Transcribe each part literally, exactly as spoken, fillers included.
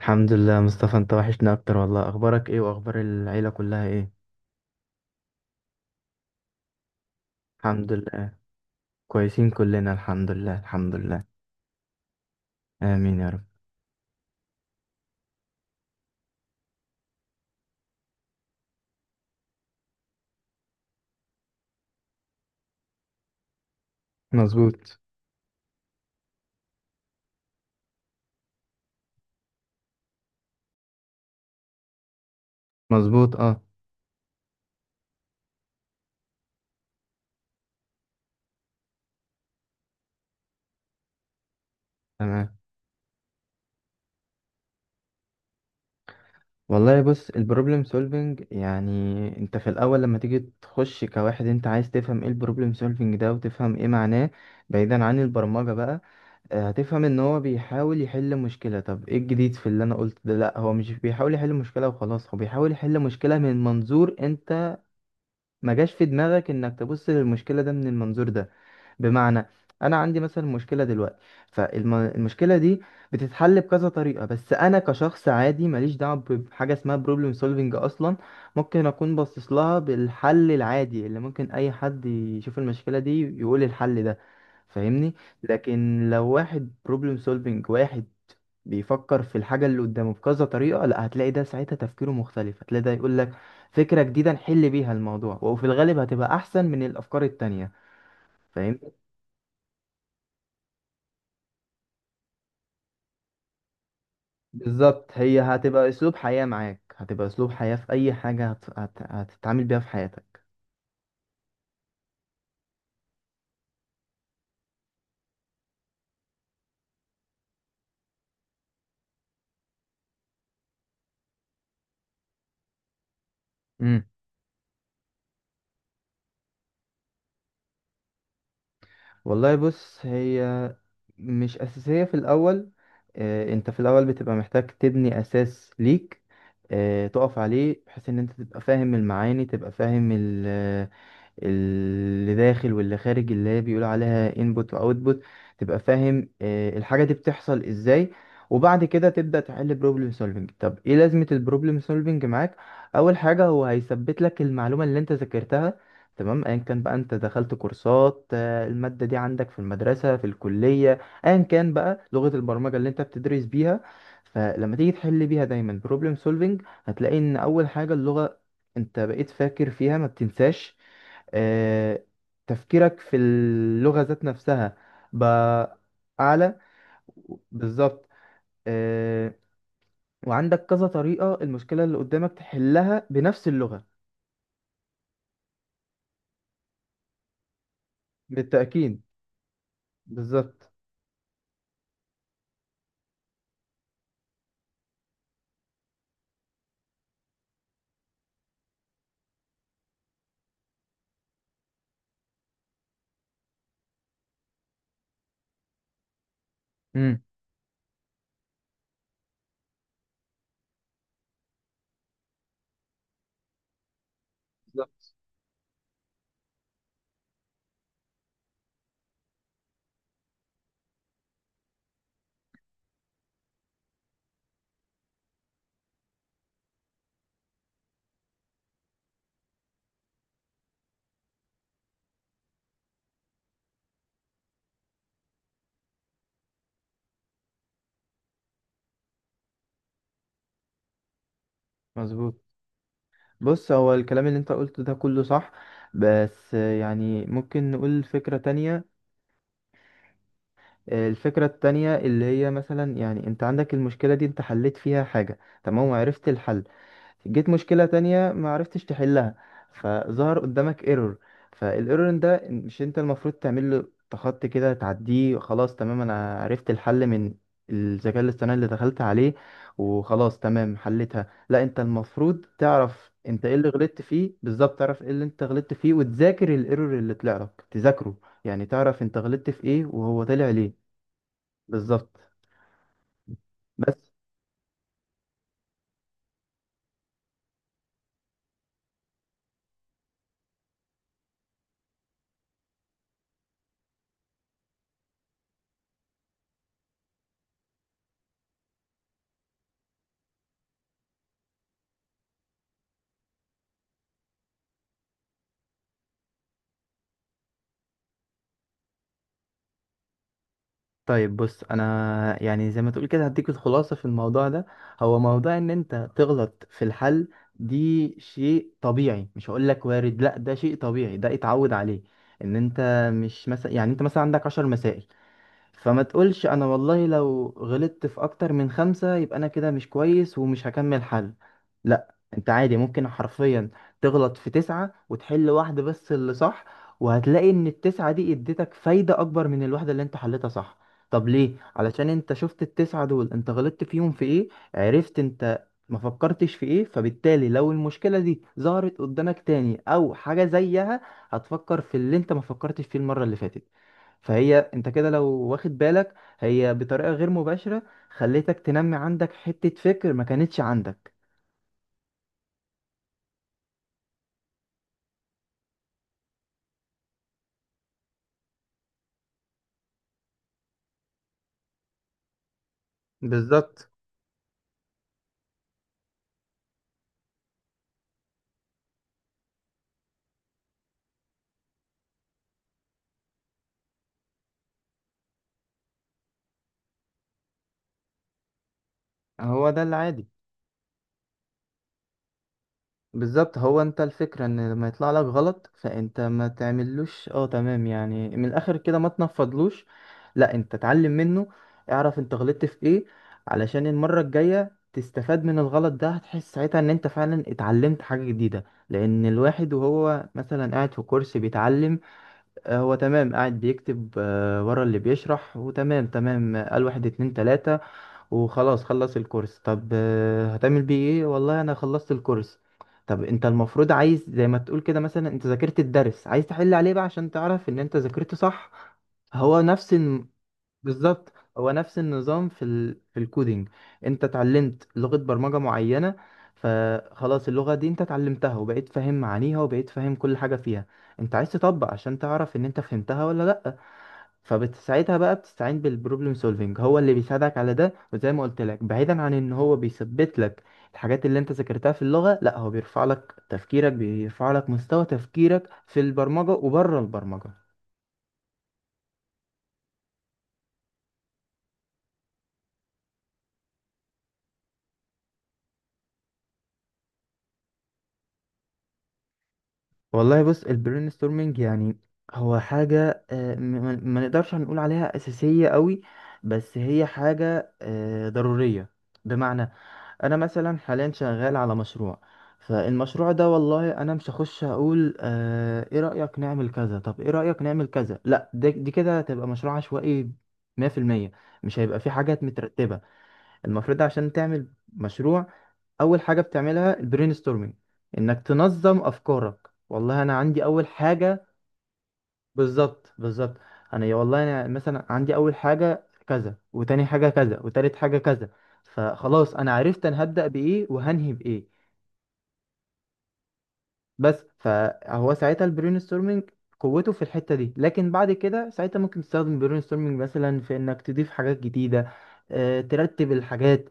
الحمد لله، مصطفى. انت وحشنا اكتر والله. اخبارك ايه واخبار العيلة كلها ايه؟ الحمد لله، كويسين كلنا. الحمد لله، الحمد لله. امين يا رب. مظبوط. مظبوط، اه. تمام. والله بص، البروبلم سولفينج يعني، انت في الاول لما تيجي تخش كواحد انت عايز تفهم ايه البروبلم سولفينج ده وتفهم ايه معناه، بعيدا عن البرمجة بقى. آه، هتفهم ان هو بيحاول يحل مشكلة. طب ايه الجديد في اللي انا قلت ده؟ لا، هو مش بيحاول يحل مشكلة وخلاص، هو بيحاول يحل مشكلة من منظور انت ما جاش في دماغك انك تبص للمشكلة ده من المنظور ده. بمعنى، انا عندي مثلا مشكله دلوقتي، فالمشكله دي بتتحل بكذا طريقه، بس انا كشخص عادي ماليش دعوه ب- بحاجه اسمها بروبلم سولفنج اصلا. ممكن اكون باصص لها بالحل العادي اللي ممكن اي حد يشوف المشكله دي يقول الحل ده. فاهمني؟ لكن لو واحد بروبلم سولفنج، واحد بيفكر في الحاجة اللي قدامه بكذا طريقة، لا هتلاقي ده ساعتها تفكيره مختلف، هتلاقي ده يقول لك فكرة جديدة نحل بيها الموضوع، وفي الغالب هتبقى أحسن من الأفكار التانية. بالظبط، هي هتبقى اسلوب حياة معاك، هتبقى اسلوب حياة في اي حاجة هت... هت... هتتعامل بيها في حياتك. امم والله بص، هي مش اساسية في الاول. آه، انت في الاول بتبقى محتاج تبني اساس ليك، آه، تقف عليه بحيث ان انت تبقى فاهم المعاني، تبقى فاهم اللي داخل واللي خارج اللي هي بيقول عليها انبوت واوتبوت. تبقى فاهم آه، الحاجة دي بتحصل ازاي. وبعد كده تبدأ تحل بروبلم سولفنج. طب ايه لازمة البروبلم سولفنج معاك؟ اول حاجة هو هيثبت لك المعلومة اللي انت ذاكرتها، تمام. ايا كان بقى انت دخلت كورسات، آه، المادة دي عندك في المدرسة في الكلية، ايا كان بقى لغة البرمجة اللي انت بتدرس بيها، فلما تيجي تحل بيها دايما بروبلم سولفنج، هتلاقي ان اول حاجة اللغة انت بقيت فاكر فيها، ما بتنساش. آه، تفكيرك في اللغة ذات نفسها بقى أعلى. بالظبط. آه، وعندك كذا طريقة المشكلة اللي قدامك تحلها بنفس اللغة. بالتأكيد، بالظبط. مم. بالظبط. مظبوط. بص، هو الكلام اللي انت قلته ده كله صح، بس آه، يعني ممكن نقول فكرة تانية. آه، الفكرة التانية اللي هي مثلا، يعني انت عندك المشكلة دي، انت حليت فيها حاجة تمام وعرفت الحل. جيت مشكلة تانية ما عرفتش تحلها، فظهر قدامك ايرور. فالايرور ده مش انت المفروض تعمل له تخطي كده تعديه خلاص، تمام انا عرفت الحل من الذكاء الاصطناعي اللي دخلت عليه وخلاص تمام حلتها. لا، انت المفروض تعرف انت ايه اللي غلطت فيه بالظبط، تعرف ايه اللي انت غلطت فيه، وتذاكر الايرور اللي طلع لك تذاكره. يعني تعرف انت غلطت في ايه وهو طلع ليه. بالظبط. بس طيب بص، انا يعني زي ما تقول كده هديك الخلاصه في الموضوع ده. هو موضوع ان انت تغلط في الحل، دي شيء طبيعي. مش هقول لك وارد، لا ده شيء طبيعي، ده اتعود عليه. ان انت مش مثلا، يعني انت مثلا عندك عشر مسائل، فما تقولش انا والله لو غلطت في اكتر من خمسة يبقى انا كده مش كويس ومش هكمل حل. لا، انت عادي ممكن حرفيا تغلط في تسعة وتحل واحدة بس اللي صح. وهتلاقي ان التسعة دي اديتك فايدة اكبر من الواحدة اللي انت حلتها صح. طب ليه؟ علشان انت شفت التسعة دول انت غلطت فيهم في ايه، عرفت انت ما فكرتش في ايه. فبالتالي لو المشكلة دي ظهرت قدامك تاني او حاجة زيها، هتفكر في اللي انت ما فكرتش فيه المرة اللي فاتت. فهي انت كده لو واخد بالك، هي بطريقة غير مباشرة خليتك تنمي عندك حتة فكر ما كانتش عندك. بالظبط. هو ده العادي. بالظبط. هو انت الفكرة ان لما يطلع لك غلط، فانت ما تعملوش اه تمام، يعني من الاخر كده ما تنفضلوش. لا، انت اتعلم منه، اعرف انت غلطت في ايه علشان المرة الجاية تستفاد من الغلط ده. هتحس ساعتها ان انت فعلا اتعلمت حاجة جديدة. لان الواحد وهو مثلا قاعد في كرسي بيتعلم، آه، هو تمام قاعد بيكتب آه، ورا اللي بيشرح وتمام تمام، آه، قال واحد اتنين تلاتة وخلاص خلص الكورس. طب آه، هتعمل بيه ايه؟ والله انا خلصت الكورس. طب انت المفروض عايز زي ما تقول كده، مثلا انت ذاكرت الدرس عايز تحل عليه بقى عشان تعرف ان انت ذاكرته صح. هو نفس بالظبط، هو نفس النظام في ال... في الكودينج. انت اتعلمت لغة برمجة معينة، فخلاص اللغة دي انت اتعلمتها وبقيت فاهم معانيها وبقيت فاهم كل حاجة فيها. انت عايز تطبق عشان تعرف ان انت فهمتها ولا لأ. فبتساعدها بقى، بتستعين بالبروبلم سولفينج هو اللي بيساعدك على ده. وزي ما قلت لك، بعيدا عن ان هو بيثبت لك الحاجات اللي انت ذاكرتها في اللغة، لا هو بيرفع لك تفكيرك، بيرفع لك مستوى تفكيرك في البرمجة وبره البرمجة. والله بص، البرين ستورمنج يعني هو حاجة، آه، م- ما ما نقدرش هنقول عليها أساسية قوي، بس هي حاجة آه، ضرورية. بمعنى، أنا مثلا حاليا شغال على مشروع. فالمشروع ده والله أنا مش هخش أقول آه، إيه رأيك نعمل كذا طب إيه رأيك نعمل كذا، لا ده- دي كده تبقى مشروع عشوائي مية في المية. مش هيبقى في حاجات مترتبة. المفروض عشان تعمل مشروع، اول حاجه بتعملها البرين ستورمنج، انك تنظم افكارك. والله انا عندي اول حاجه. بالظبط، بالظبط. انا يا والله، انا مثلا عندي اول حاجه كذا، وتاني حاجه كذا، وتالت حاجه كذا. فخلاص انا عرفت انا هبدا بايه وهنهي بايه. بس فهو ساعتها البرين ستورمنج قوته في الحته دي. لكن بعد كده ساعتها ممكن تستخدم البرين ستورمنج مثلا في انك تضيف حاجات جديده، آه، ترتب الحاجات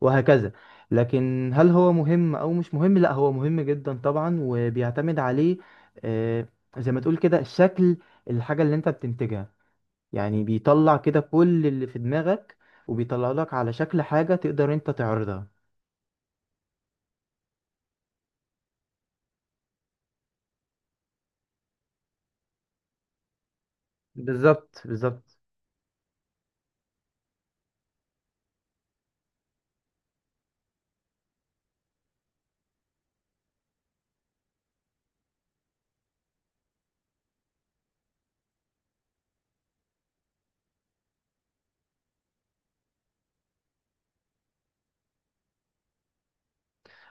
وهكذا. لكن هل هو مهم او مش مهم؟ لا هو مهم جدا طبعا وبيعتمد عليه. آه، زي ما تقول كده شكل الحاجه اللي انت بتنتجها. يعني بيطلع كده كل اللي في دماغك، وبيطلع لك على شكل حاجه تقدر انت تعرضها. بالظبط، بالظبط.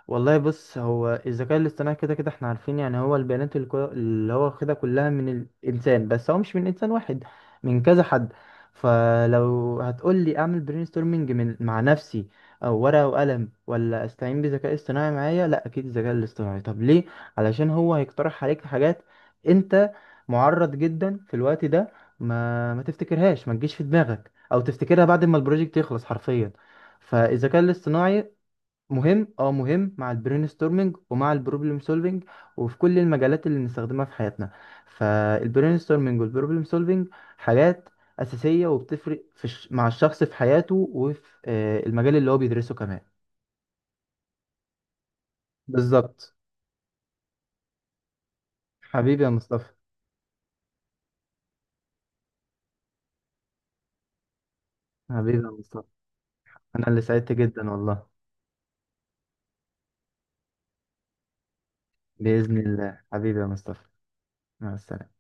والله بص، هو الذكاء الاصطناعي كده كده احنا عارفين، يعني هو البيانات الكو- اللي هو واخدها كلها من الانسان، بس هو مش من انسان واحد، من كذا حد. فلو هتقول لي اعمل برين ستورمنج من مع نفسي، او ورقه وقلم، ولا استعين بذكاء اصطناعي معايا؟ لا، اكيد الذكاء الاصطناعي. طب ليه؟ علشان هو هيقترح عليك حاجات انت معرض جدا في الوقت ده ما ما تفتكرهاش، ما تجيش في دماغك، او تفتكرها بعد ما البروجكت يخلص حرفيا. فالذكاء الاصطناعي مهم، اه مهم، مع البرين ستورمنج ومع البروبلم سولفنج وفي كل المجالات اللي بنستخدمها في حياتنا. فالبرين ستورمنج والبروبلم سولفنج حاجات أساسية، وبتفرق في الش... مع الشخص في حياته وفي آه، المجال اللي هو بيدرسه كمان. بالظبط. حبيبي يا مصطفى. حبيبي يا مصطفى. أنا اللي سعدت جدا والله. بإذن الله حبيبي يا مصطفى. مع السلامة.